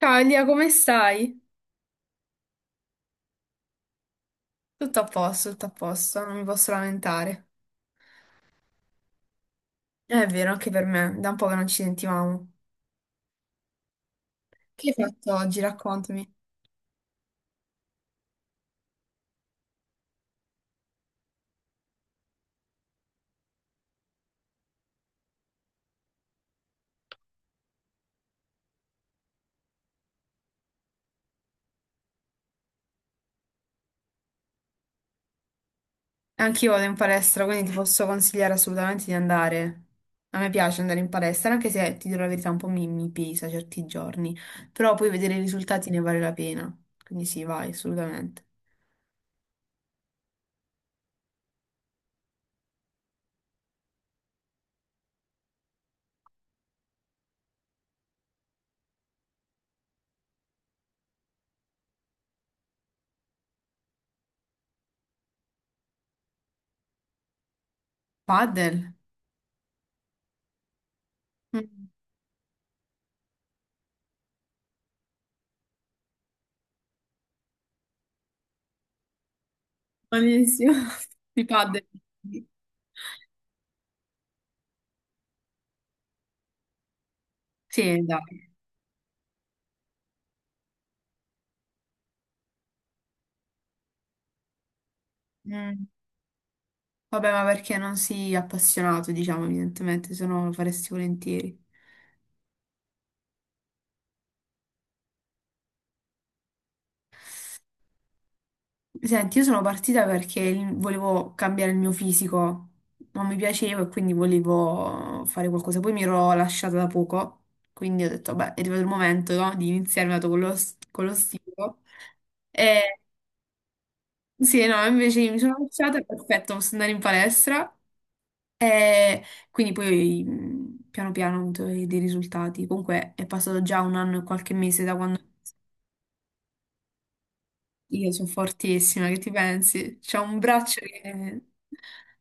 Ciao Elia, come stai? Tutto a posto, non mi posso lamentare. È vero, anche per me, da un po' che non ci sentivamo. Che hai fatto oggi? Raccontami. Anch'io vado in palestra, quindi ti posso consigliare assolutamente di andare. A me piace andare in palestra, anche se ti dirò la verità, un po' mi pesa certi giorni, però poi vedere i risultati ne vale la pena. Quindi sì, vai, assolutamente. Padel? Mm. Buonissimo. Di padel. Sì, dai. Mm. Vabbè, ma perché non sei appassionato, diciamo, evidentemente, se no lo faresti volentieri. Senti, io sono partita perché volevo cambiare il mio fisico, non mi piaceva e quindi volevo fare qualcosa. Poi mi ero lasciata da poco, quindi ho detto, beh, è arrivato il momento, no, di iniziare dato con con lo stilo. E sì, no, invece mi sono lasciata, perfetto, posso andare in palestra. E quindi poi piano piano ho avuto dei risultati. Comunque è passato già un anno e qualche mese da quando. Io sono fortissima, che ti pensi? C'ho un braccio che...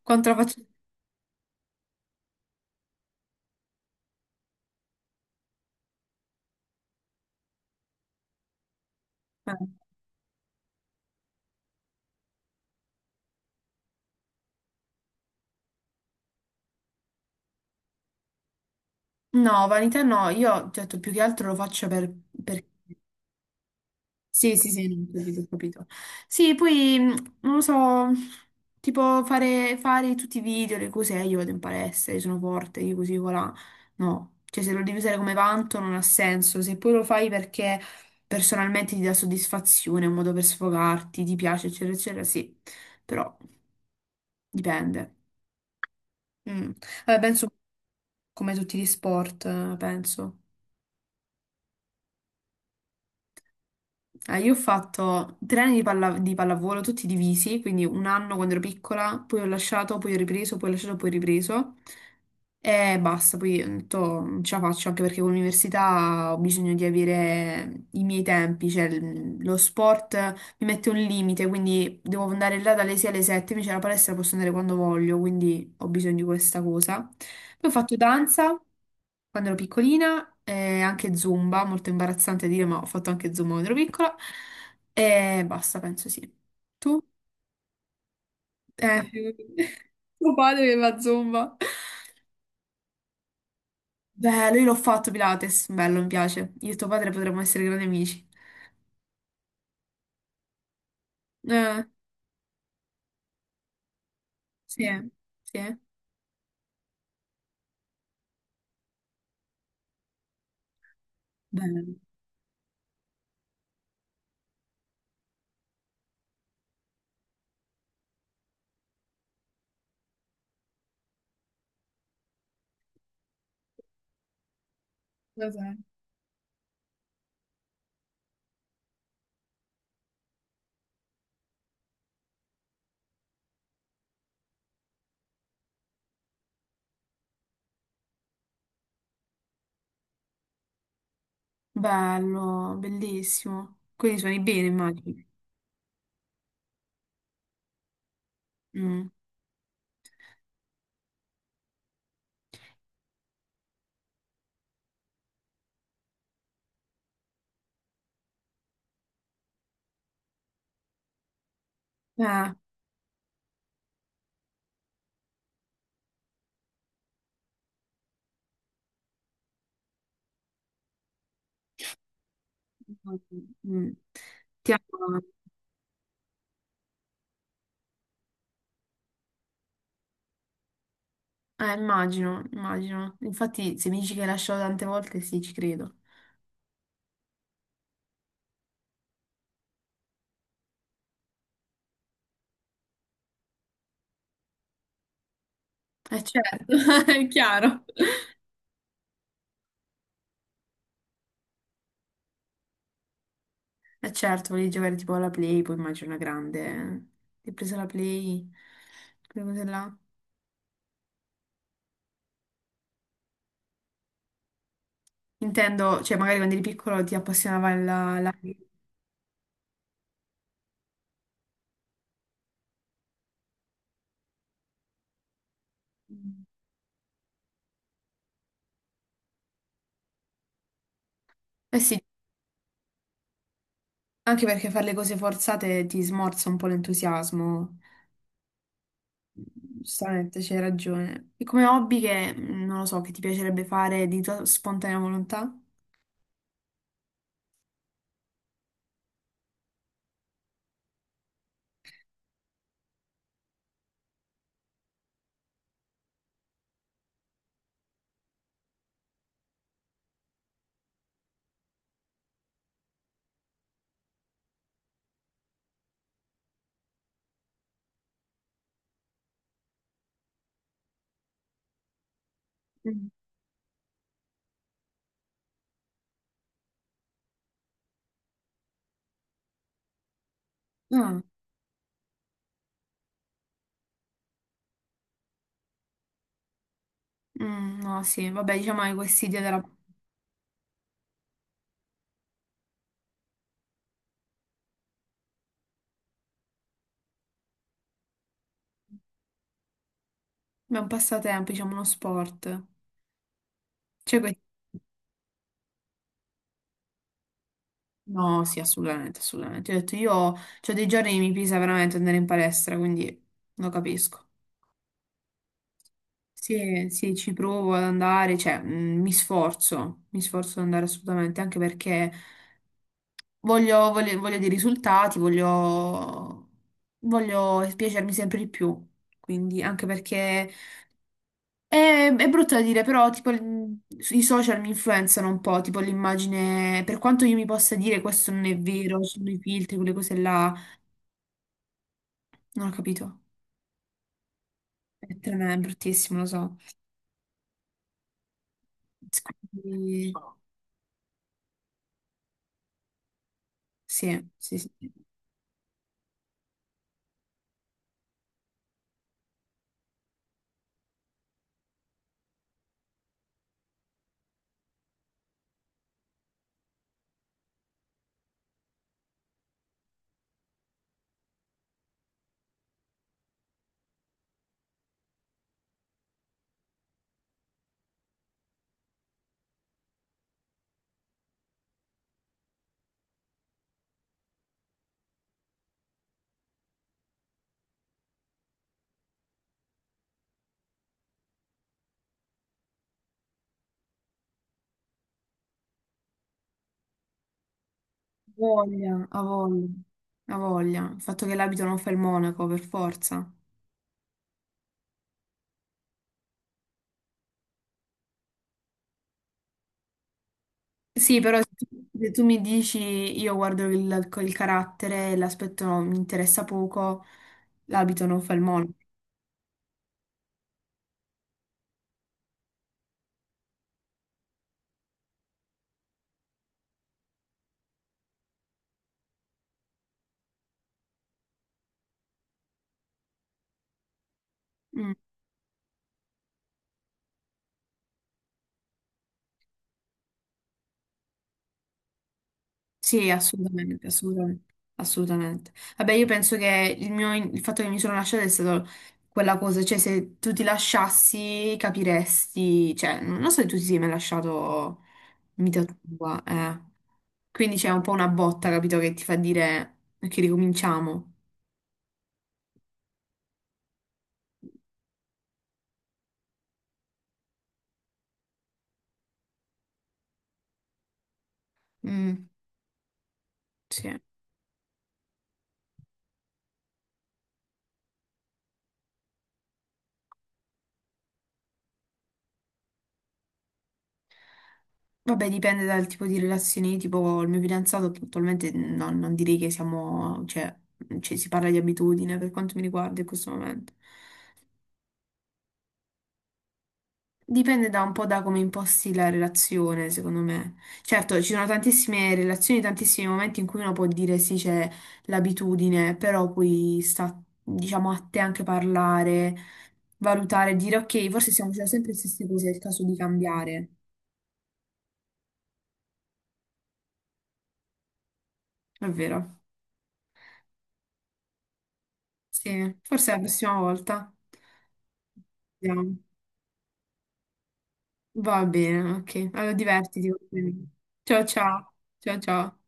Quanto lo faccio? Eh. No, vanità no, io ti ho detto più che altro lo faccio per... per- Sì, sì, sì, non ho capito, ho capito. Sì, poi, non lo so, tipo fare tutti i video, le cose, io vado in palestra, io sono forte, io così, voilà. No, cioè se lo devi usare come vanto non ha senso, se poi lo fai perché personalmente ti dà soddisfazione, è un modo per sfogarti, ti piace, eccetera, eccetera, sì, però dipende. Mm. Vabbè, penso come tutti gli sport, penso. Ah, io ho fatto tre anni di, di pallavolo, tutti divisi, quindi un anno quando ero piccola, poi ho lasciato, poi ho ripreso, poi ho lasciato, poi ho ripreso. E basta, poi ho detto, non ce la faccio anche perché con l'università ho bisogno di avere i miei tempi, cioè lo sport mi mette un limite, quindi devo andare là dalle 6 alle 7, invece la palestra posso andare quando voglio, quindi ho bisogno di questa cosa. Poi ho fatto danza. Quando ero piccolina, anche Zumba, molto imbarazzante dire, ma ho fatto anche Zumba quando ero piccola. E basta, penso sì. Tu? Eh, tuo padre che fa Zumba. Beh, lui l'ho fatto Pilates, bello, mi piace. Io e tuo padre potremmo essere grandi amici. Eh, sì, sì, bello. Lo sai. Bello, bellissimo. Quindi suoni bene, immagino. Mm. Eh, mm. Ti amo. Immagino, immagino. Infatti, se mi dici che hai lasciato tante volte, sì, ci credo. Eh certo, è chiaro. Eh certo, volevi giocare tipo alla Play, poi immagino una grande. Eh. Ti hai preso la Play, quelle cose là. Intendo, cioè magari quando eri piccolo ti appassionava la... Eh sì, anche perché fare le cose forzate ti smorza un po' l'entusiasmo. Giustamente, c'hai ragione. E come hobby che, non lo so, che ti piacerebbe fare di tua spontanea volontà? Mm. Ah. Mm, no, sì, vabbè, diciamo che questa idea della... è un passatempo, diciamo uno sport. Cioè, No, sì, assolutamente, assolutamente. Ho detto, io c'ho dei giorni che mi pesa veramente andare in palestra, quindi lo capisco. Sì, sì, ci provo ad andare, cioè, mi sforzo ad andare assolutamente, anche perché voglio dei risultati, voglio, voglio piacermi sempre di più. Quindi, anche perché... è brutto da dire, però tipo i social mi influenzano un po', tipo l'immagine, per quanto io mi possa dire questo non è vero, ci sono i filtri, quelle cose là, non ho capito. È tremendo, è bruttissimo, lo so. Quindi, sì, sì, sì. Ha voglia, ha voglia, ha voglia. Il fatto che l'abito non fa il monaco, per forza. Sì, però se tu mi dici io guardo il carattere, l'aspetto mi interessa poco, l'abito non fa il monaco. Mm. Sì, assolutamente, assolutamente, assolutamente. Vabbè, io penso che il fatto che mi sono lasciata è stato quella cosa, cioè se tu ti lasciassi capiresti, cioè non lo so se tu ti sei mai lasciato vita tua, eh. Quindi c'è un po' una botta, capito, che ti fa dire che ricominciamo. Mm, sì. Vabbè, dipende dal tipo di relazioni, tipo il mio fidanzato attualmente non direi che siamo, cioè, cioè, si parla di abitudine per quanto mi riguarda in questo momento. Dipende da un po' da come imposti la relazione, secondo me. Certo, ci sono tantissime relazioni, tantissimi momenti in cui uno può dire sì, c'è l'abitudine, però poi sta, diciamo, a te anche parlare, valutare, dire ok, forse stiamo facendo sempre le stesse cose, è il caso di cambiare. È vero. Sì, forse la prossima volta. Vediamo. Va bene, ok. Allora divertiti. Va bene. Ciao ciao. Ciao ciao.